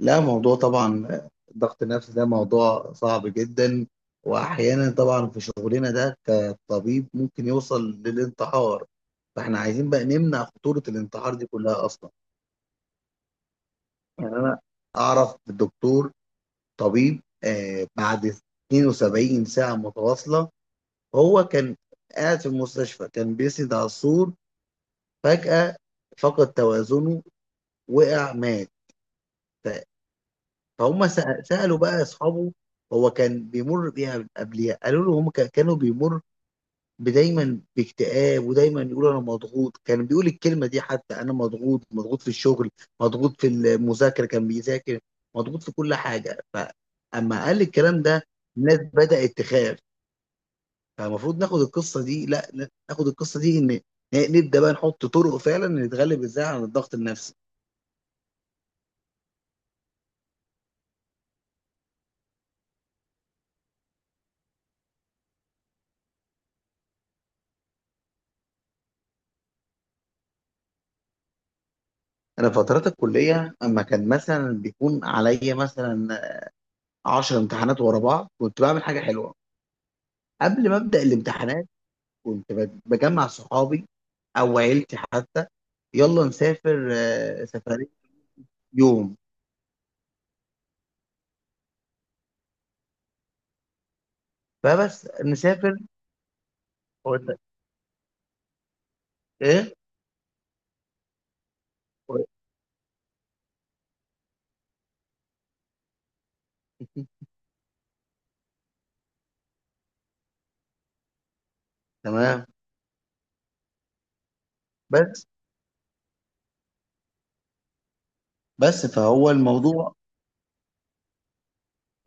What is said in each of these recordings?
لا، موضوع طبعا. الضغط النفسي ده موضوع صعب جدا. واحيانا طبعا في شغلنا ده كطبيب ممكن يوصل للانتحار. فاحنا عايزين بقى نمنع خطورة الانتحار دي كلها اصلا. يعني انا اعرف دكتور طبيب بعد 72 ساعة متواصلة هو كان قاعد في المستشفى، كان بيسند على السور. فجأة فقد توازنه، وقع، مات. فهم سألوا بقى أصحابه هو كان بيمر بيها قبليها. قالوا له هم كانوا بيمر دايما باكتئاب، ودايما يقول أنا مضغوط. كان بيقول الكلمة دي حتى، أنا مضغوط، مضغوط في الشغل، مضغوط في المذاكرة كان بيذاكر، مضغوط في كل حاجة. فأما قال الكلام ده الناس بدأت تخاف. فالمفروض ناخد القصة دي، لا لا، ناخد القصة دي إن، نبدأ بقى نحط طرق فعلا نتغلب إزاي على الضغط النفسي. أنا فترات الكلية أما كان مثلا بيكون عليا مثلا 10 امتحانات ورا بعض، كنت بعمل حاجه حلوه. قبل ما ابدا الامتحانات كنت بجمع صحابي او عيلتي حتى. يلا نسافر، سفريه يوم. فبس نسافر. قلت ايه؟ قلت تمام. بس، بس فهو الموضوع،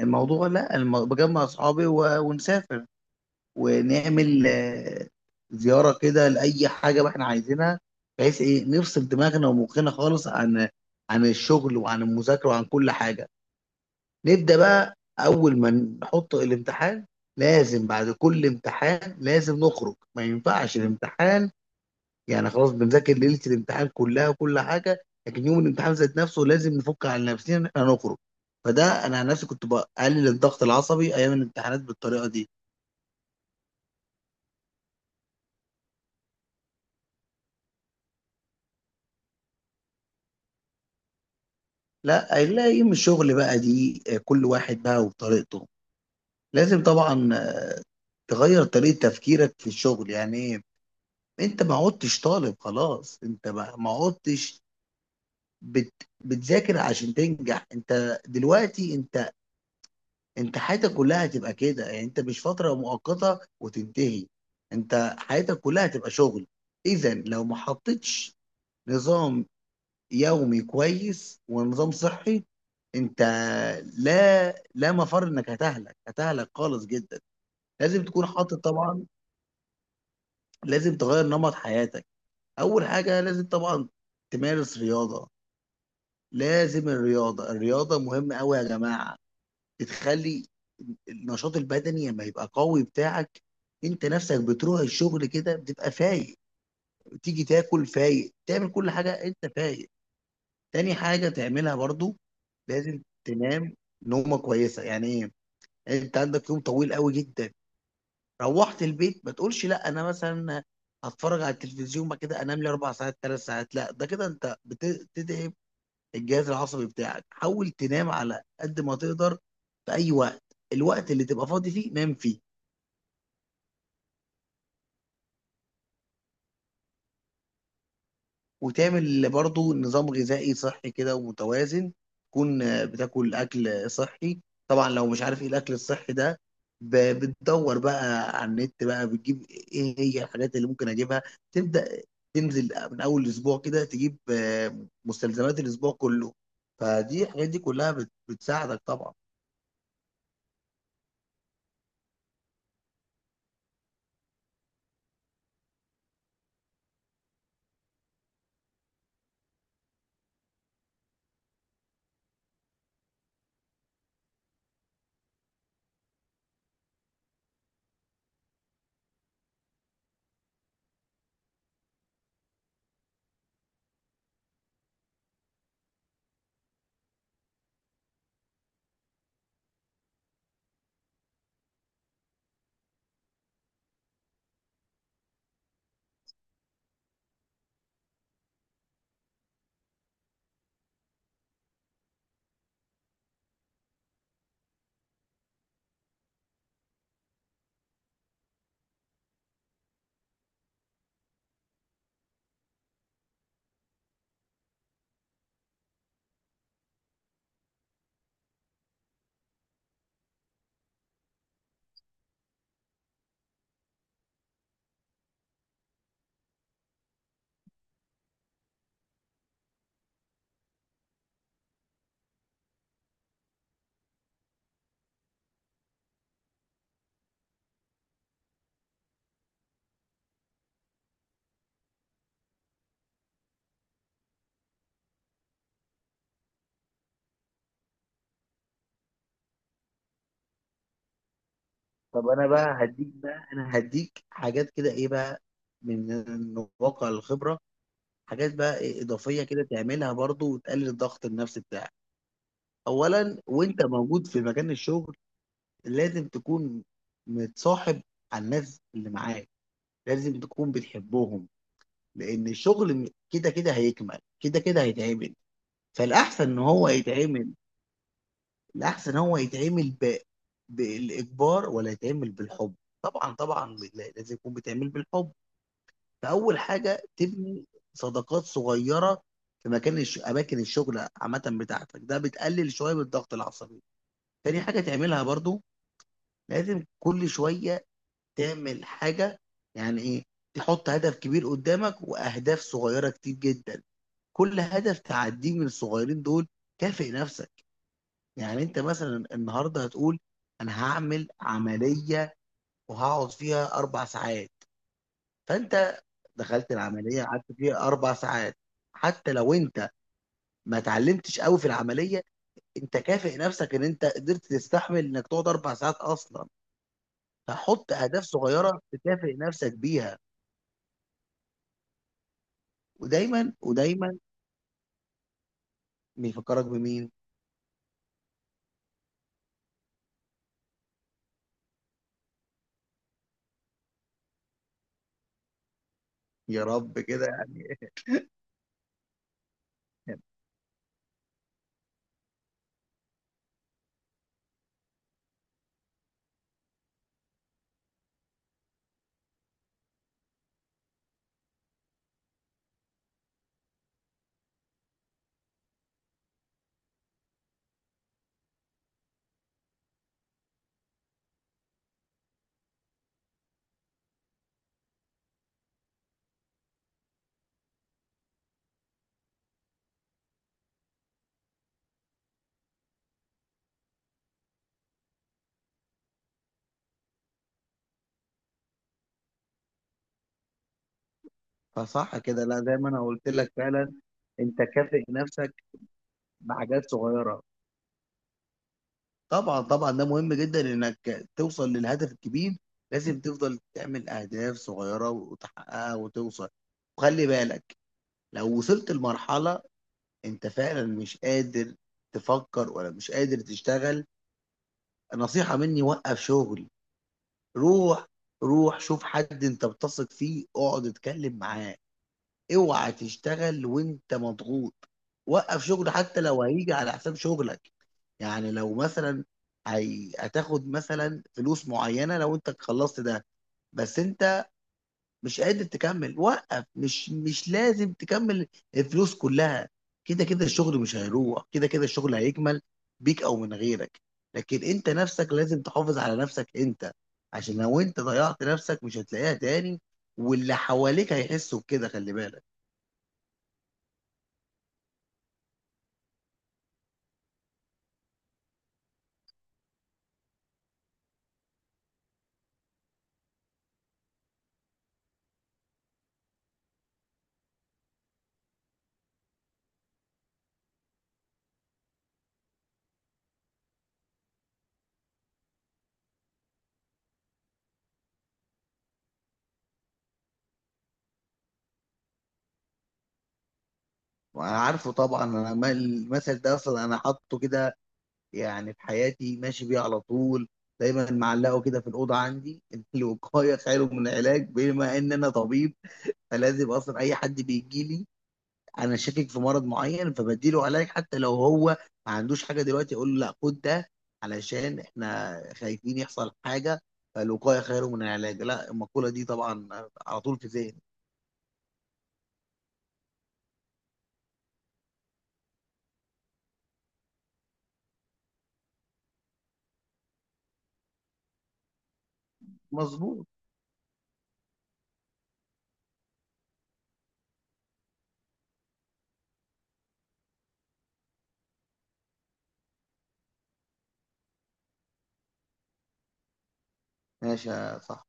الموضوع، لا الم- بجمع اصحابي ونسافر ونعمل زياره كده لاي حاجه ما احنا عايزينها، بحيث ايه نفصل دماغنا ومخنا خالص عن، عن الشغل وعن المذاكره وعن كل حاجه. نبدأ بقى أول ما نحط الامتحان، لازم بعد كل امتحان لازم نخرج. ما ينفعش الامتحان، يعني خلاص بنذاكر ليلة الامتحان كلها وكل حاجة، لكن يوم الامتحان ذات نفسه لازم نفك على نفسنا إن إحنا نخرج. فده أنا عن نفسي كنت بقلل الضغط العصبي أيام الامتحانات بالطريقة دي. لا، لا، يوم الشغل بقى دي كل واحد بقى وطريقته. لازم طبعا تغير طريقة تفكيرك في الشغل. يعني إيه؟ انت ما عدتش طالب خلاص، انت ما عدتش بتذاكر عشان تنجح. انت دلوقتي انت، انت حياتك كلها هتبقى كده. يعني انت مش فترة مؤقتة وتنتهي، انت حياتك كلها هتبقى شغل. اذا لو ما حطيتش نظام يومي كويس ونظام صحي، انت لا، لا مفر انك هتهلك، هتهلك خالص جدا. لازم تكون حاطط طبعا، لازم تغير نمط حياتك. اول حاجه لازم طبعا تمارس رياضه. لازم الرياضه، الرياضه مهمه قوي يا جماعه. بتخلي النشاط البدني لما يبقى قوي بتاعك، انت نفسك بتروح الشغل كده بتبقى فايق، تيجي تاكل فايق، تعمل كل حاجة انت فايق. تاني حاجة تعملها برضو، لازم تنام نومة كويسة. يعني ايه؟ يعني انت عندك يوم طويل قوي جدا، روحت البيت ما تقولش لا انا مثلا هتفرج على التلفزيون بعد كده انام لي اربع ساعات، ثلاث ساعات. لا، ده كده انت بتدعي الجهاز العصبي بتاعك. حاول تنام على قد ما تقدر في اي وقت، الوقت اللي تبقى فاضي فيه نام فيه. وتعمل برضو نظام غذائي صحي كده ومتوازن، تكون بتاكل اكل صحي. طبعا لو مش عارف ايه الاكل الصحي ده، بتدور بقى على النت، بقى بتجيب ايه هي الحاجات اللي ممكن اجيبها. تبدأ تنزل من اول الاسبوع كده تجيب مستلزمات الاسبوع كله. فدي الحاجات دي كلها بتساعدك طبعا. طب انا بقى هديك، بقى انا هديك حاجات كده، ايه بقى من واقع الخبره، حاجات بقى إيه اضافيه كده تعملها برضو وتقلل الضغط النفسي بتاعك. اولا وانت موجود في مكان الشغل، لازم تكون متصاحب على الناس اللي معاك، لازم تكون بتحبهم. لان الشغل كده كده هيكمل، كده كده هيتعمل. فالاحسن ان هو يتعمل، الاحسن هو يتعمل ب، بالاجبار ولا يتعمل بالحب؟ طبعا طبعا لازم يكون بتعمل بالحب. فاول حاجه تبني صداقات صغيره في مكان اماكن الشغل عامه بتاعتك، ده بتقلل شويه من الضغط العصبي. تاني حاجه تعملها برضو، لازم كل شويه تعمل حاجه. يعني ايه؟ تحط هدف كبير قدامك واهداف صغيره كتير جدا، كل هدف تعديه من الصغيرين دول كافئ نفسك. يعني انت مثلا النهارده هتقول انا هعمل عمليه وهقعد فيها اربع ساعات. فانت دخلت العمليه، قعدت فيها اربع ساعات، حتى لو انت ما اتعلمتش قوي في العمليه، انت كافئ نفسك ان انت قدرت تستحمل انك تقعد اربع ساعات اصلا. فحط اهداف صغيره تكافئ نفسك بيها. ودايما ودايما بيفكرك بمين؟ يا رب كده يعني. فصح كده. لا زي ما انا قلت لك فعلا، انت كافئ نفسك بحاجات صغيره. طبعا طبعا ده مهم جدا انك توصل للهدف الكبير، لازم تفضل تعمل اهداف صغيره وتحققها وتوصل. وخلي بالك، لو وصلت لمرحله انت فعلا مش قادر تفكر ولا مش قادر تشتغل، نصيحه مني، وقف شغل. روح، روح شوف حد انت بتثق فيه، اقعد اتكلم معاه. اوعى تشتغل وانت مضغوط، وقف شغل حتى لو هيجي على حساب شغلك. يعني لو مثلا هتاخد مثلا فلوس معينة لو انت خلصت ده، بس انت مش قادر تكمل، وقف. مش لازم تكمل الفلوس كلها. كده كده الشغل مش هيروح، كده كده الشغل هيكمل بيك او من غيرك. لكن انت نفسك لازم تحافظ على نفسك انت. عشان لو انت ضيعت نفسك مش هتلاقيها تاني، واللي حواليك هيحسوا بكده، خلي بالك. وانا عارفه طبعا انا، المثل ده اصلا انا حاطه كده يعني في حياتي، ماشي بيه على طول، دايما معلقه كده في الاوضه عندي إن الوقايه خير من العلاج. بما ان انا طبيب فلازم اصلا اي حد بيجي لي انا شاكك في مرض معين فبديله علاج، حتى لو هو ما عندوش حاجه دلوقتي اقول له لا، خد ده علشان احنا خايفين يحصل حاجه. فالوقايه خير من العلاج، لا المقوله دي طبعا على طول في ذهني. مظبوط. ماشي يا صاحبي.